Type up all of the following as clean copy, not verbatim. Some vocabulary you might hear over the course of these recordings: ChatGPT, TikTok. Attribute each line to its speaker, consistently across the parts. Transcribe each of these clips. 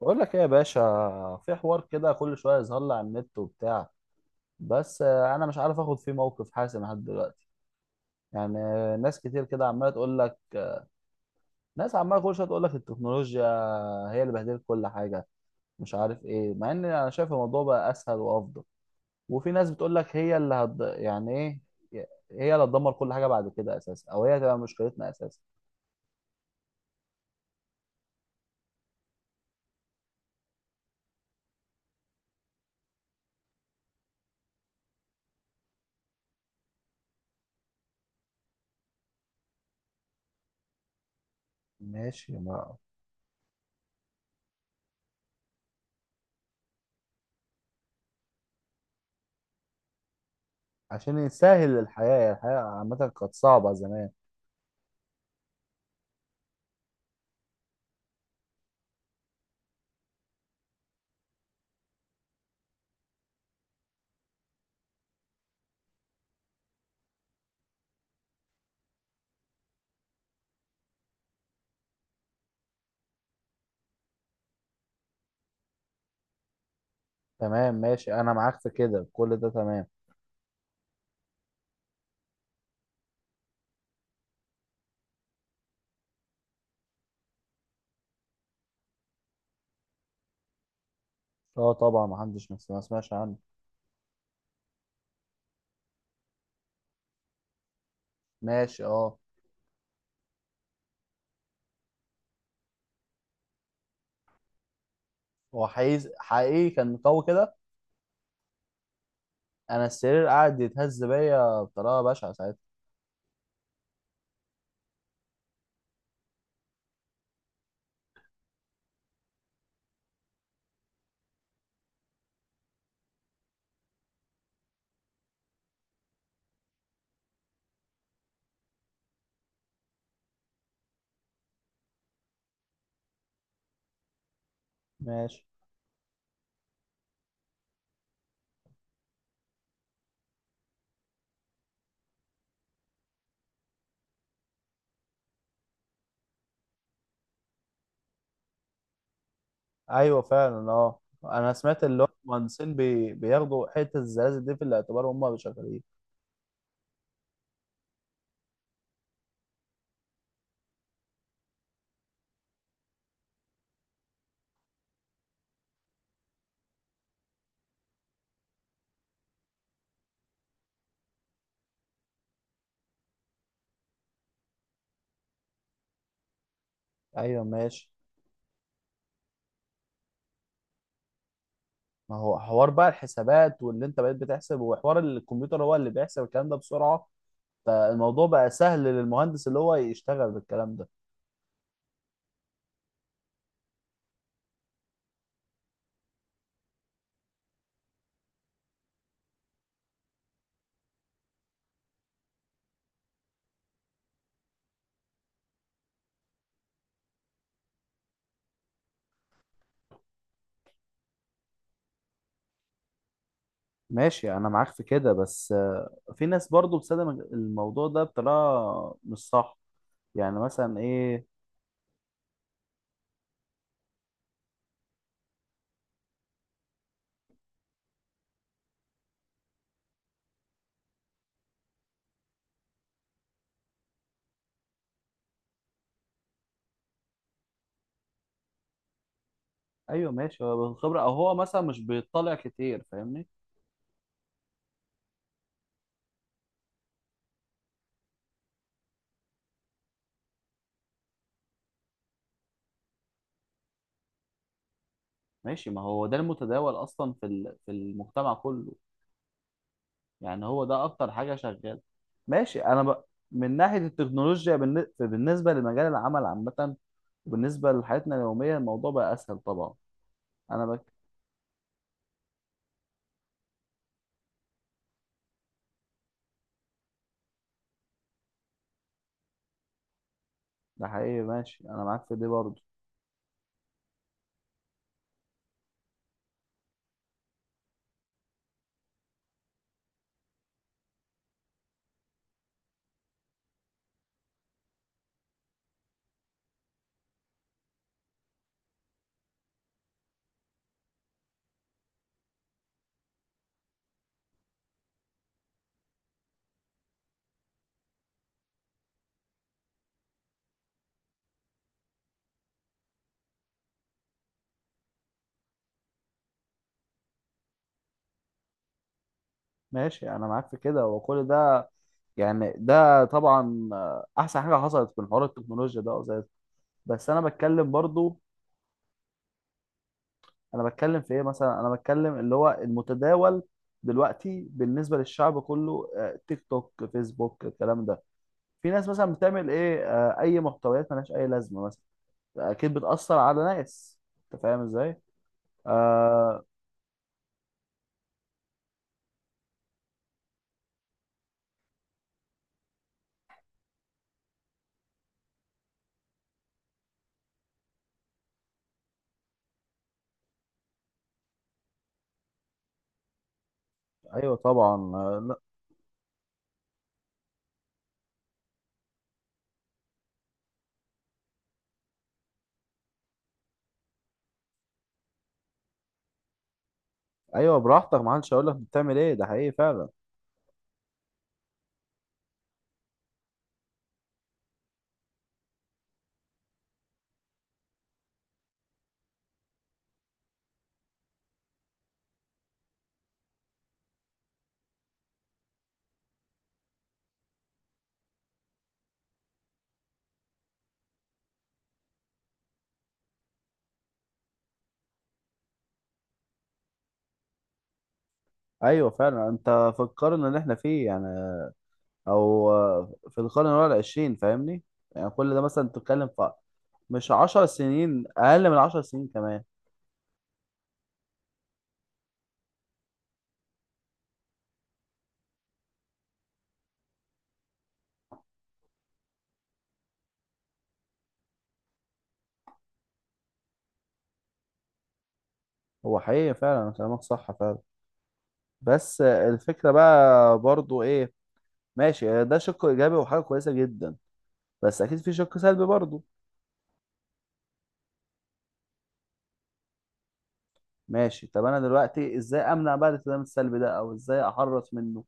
Speaker 1: بقول لك ايه يا باشا؟ في حوار كده كل شويه يظهر لي على النت وبتاع. بس انا مش عارف اخد فيه موقف حاسم لحد دلوقتي. يعني ناس كتير كده عماله تقول لك. ناس عماله كل شويه تقول لك التكنولوجيا هي اللي بهدلت كل حاجه، مش عارف ايه. مع ان انا شايف الموضوع بقى اسهل وافضل. وفي ناس بتقول لك يعني ايه، هي اللي هتدمر كل حاجه بعد كده اساسا، او هي هتبقى مشكلتنا اساسا. ماشي ما. عشان يسهل الحياه. الحياه عامه كانت صعبه زمان. تمام، ماشي، انا معاك في كده، كل ده تمام. اه طبعا، ما حدش ما سمعش عنه. ماشي، اه. هو حقيقي حقيقي كان قوي كده. انا السرير قاعد يتهز بيا بطريقه بشعه ساعتها. ماشي. ايوه فعلا، اه، انا سمعت اللي هو المهندسين بياخدوا حته الزلازل دي في الاعتبار وهم شغالين. ايوه ماشي. ما هو حوار بقى الحسابات، واللي انت بقيت بتحسب وحوار الكمبيوتر هو اللي بيحسب الكلام ده بسرعه، فالموضوع بقى سهل للمهندس اللي هو يشتغل بالكلام ده. ماشي انا معاك في كده، بس في ناس برضو بتستخدم الموضوع ده بطريقه مش صح. يعني مثلا ايه؟ ايوه ماشي، هو بالخبره، او هو مثلا مش بيطلع كتير، فاهمني؟ ماشي، ما هو ده المتداول اصلا في المجتمع كله. يعني هو ده اكتر حاجه شغاله. ماشي، من ناحيه التكنولوجيا بالنسبه لمجال العمل عامه، وبالنسبه لحياتنا اليوميه الموضوع بقى اسهل طبعا. انا بك. ده حقيقي، ماشي، انا معاك في دي برضه. ماشي انا معاك في كده وكل ده. يعني ده طبعا احسن حاجه حصلت من حوار التكنولوجيا ده، زي. بس انا بتكلم برضو. انا بتكلم في ايه مثلا؟ انا بتكلم اللي هو المتداول دلوقتي بالنسبه للشعب كله، تيك توك، فيسبوك، الكلام ده. في ناس مثلا بتعمل ايه؟ اي محتويات ملهاش اي لازمه مثلا. اكيد بتاثر على ناس، انت فاهم ازاي. آه. ايوه طبعا. لا. ايوه براحتك، ما حدش هيقول لك بتعمل ايه، ده حقيقي فعلا. ايوه فعلا. انت في القرن اللي احنا فيه يعني، او في القرن اللي هو العشرين، فاهمني؟ يعني كل ده مثلا تتكلم في، مش عشر سنين، اقل من عشر سنين كمان. هو حقيقي فعلا كلامك صح فعلا. بس الفكرة بقى برضو ايه؟ ماشي ده شق ايجابي وحاجة كويسة جدا، بس اكيد في شق سلبي برضو. ماشي، طب انا دلوقتي ازاي امنع بقى الالتزام السلبي ده، او ازاي احرص منه؟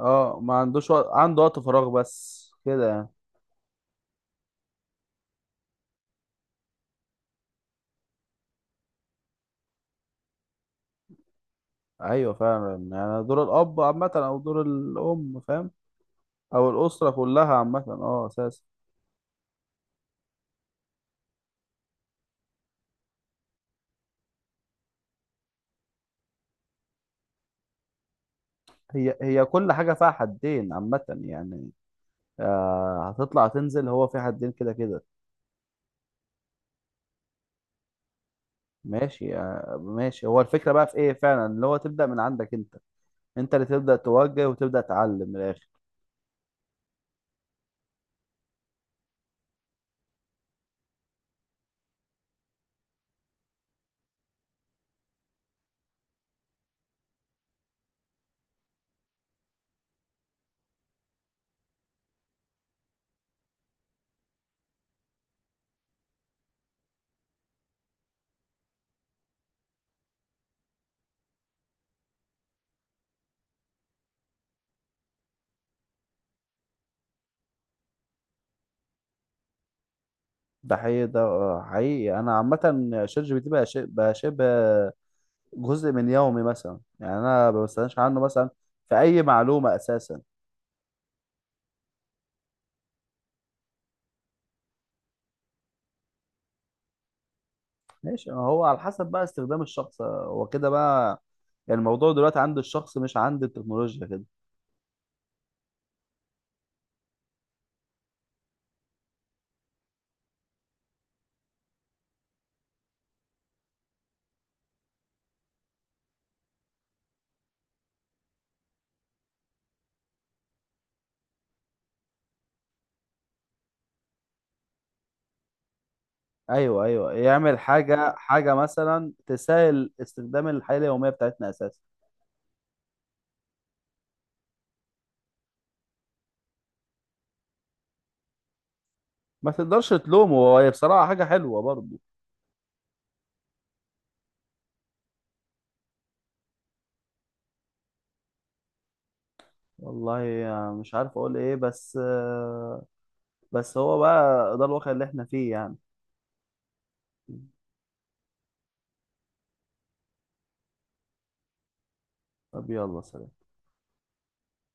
Speaker 1: اه، ما عندوش وقت، عنده وقت فراغ بس كده يعني. ايوه فعلا، يعني دور الاب عامه، او دور الام، فاهم؟ او الاسره كلها عامه، اه، اساسا. هي هي كل حاجه فيها حدين عامه يعني. آه، هتطلع تنزل، هو في حدين كده كده. ماشي، آه ماشي. هو الفكره بقى في ايه فعلا؟ اللي هو تبدا من عندك انت، انت اللي تبدا توجه وتبدا تعلم، من الاخر. ده حقيقي، ده حقيقي. انا عامه شات جي بي تي بقى بقى شبه جزء من يومي مثلا يعني، انا ما بستغناش عنه مثلا في اي معلومه اساسا. ماشي، هو على حسب بقى استخدام الشخص، هو كده بقى. يعني الموضوع دلوقتي عند الشخص، مش عند التكنولوجيا كده. ايوه ايوه، يعمل حاجه حاجه مثلا تسهل استخدام الحياه اليوميه بتاعتنا اساسا. ما تقدرش تلومه، هو بصراحه حاجه حلوه برضه. والله مش عارف اقول ايه، بس بس هو بقى ده الواقع اللي احنا فيه يعني. طب يلا، سلام.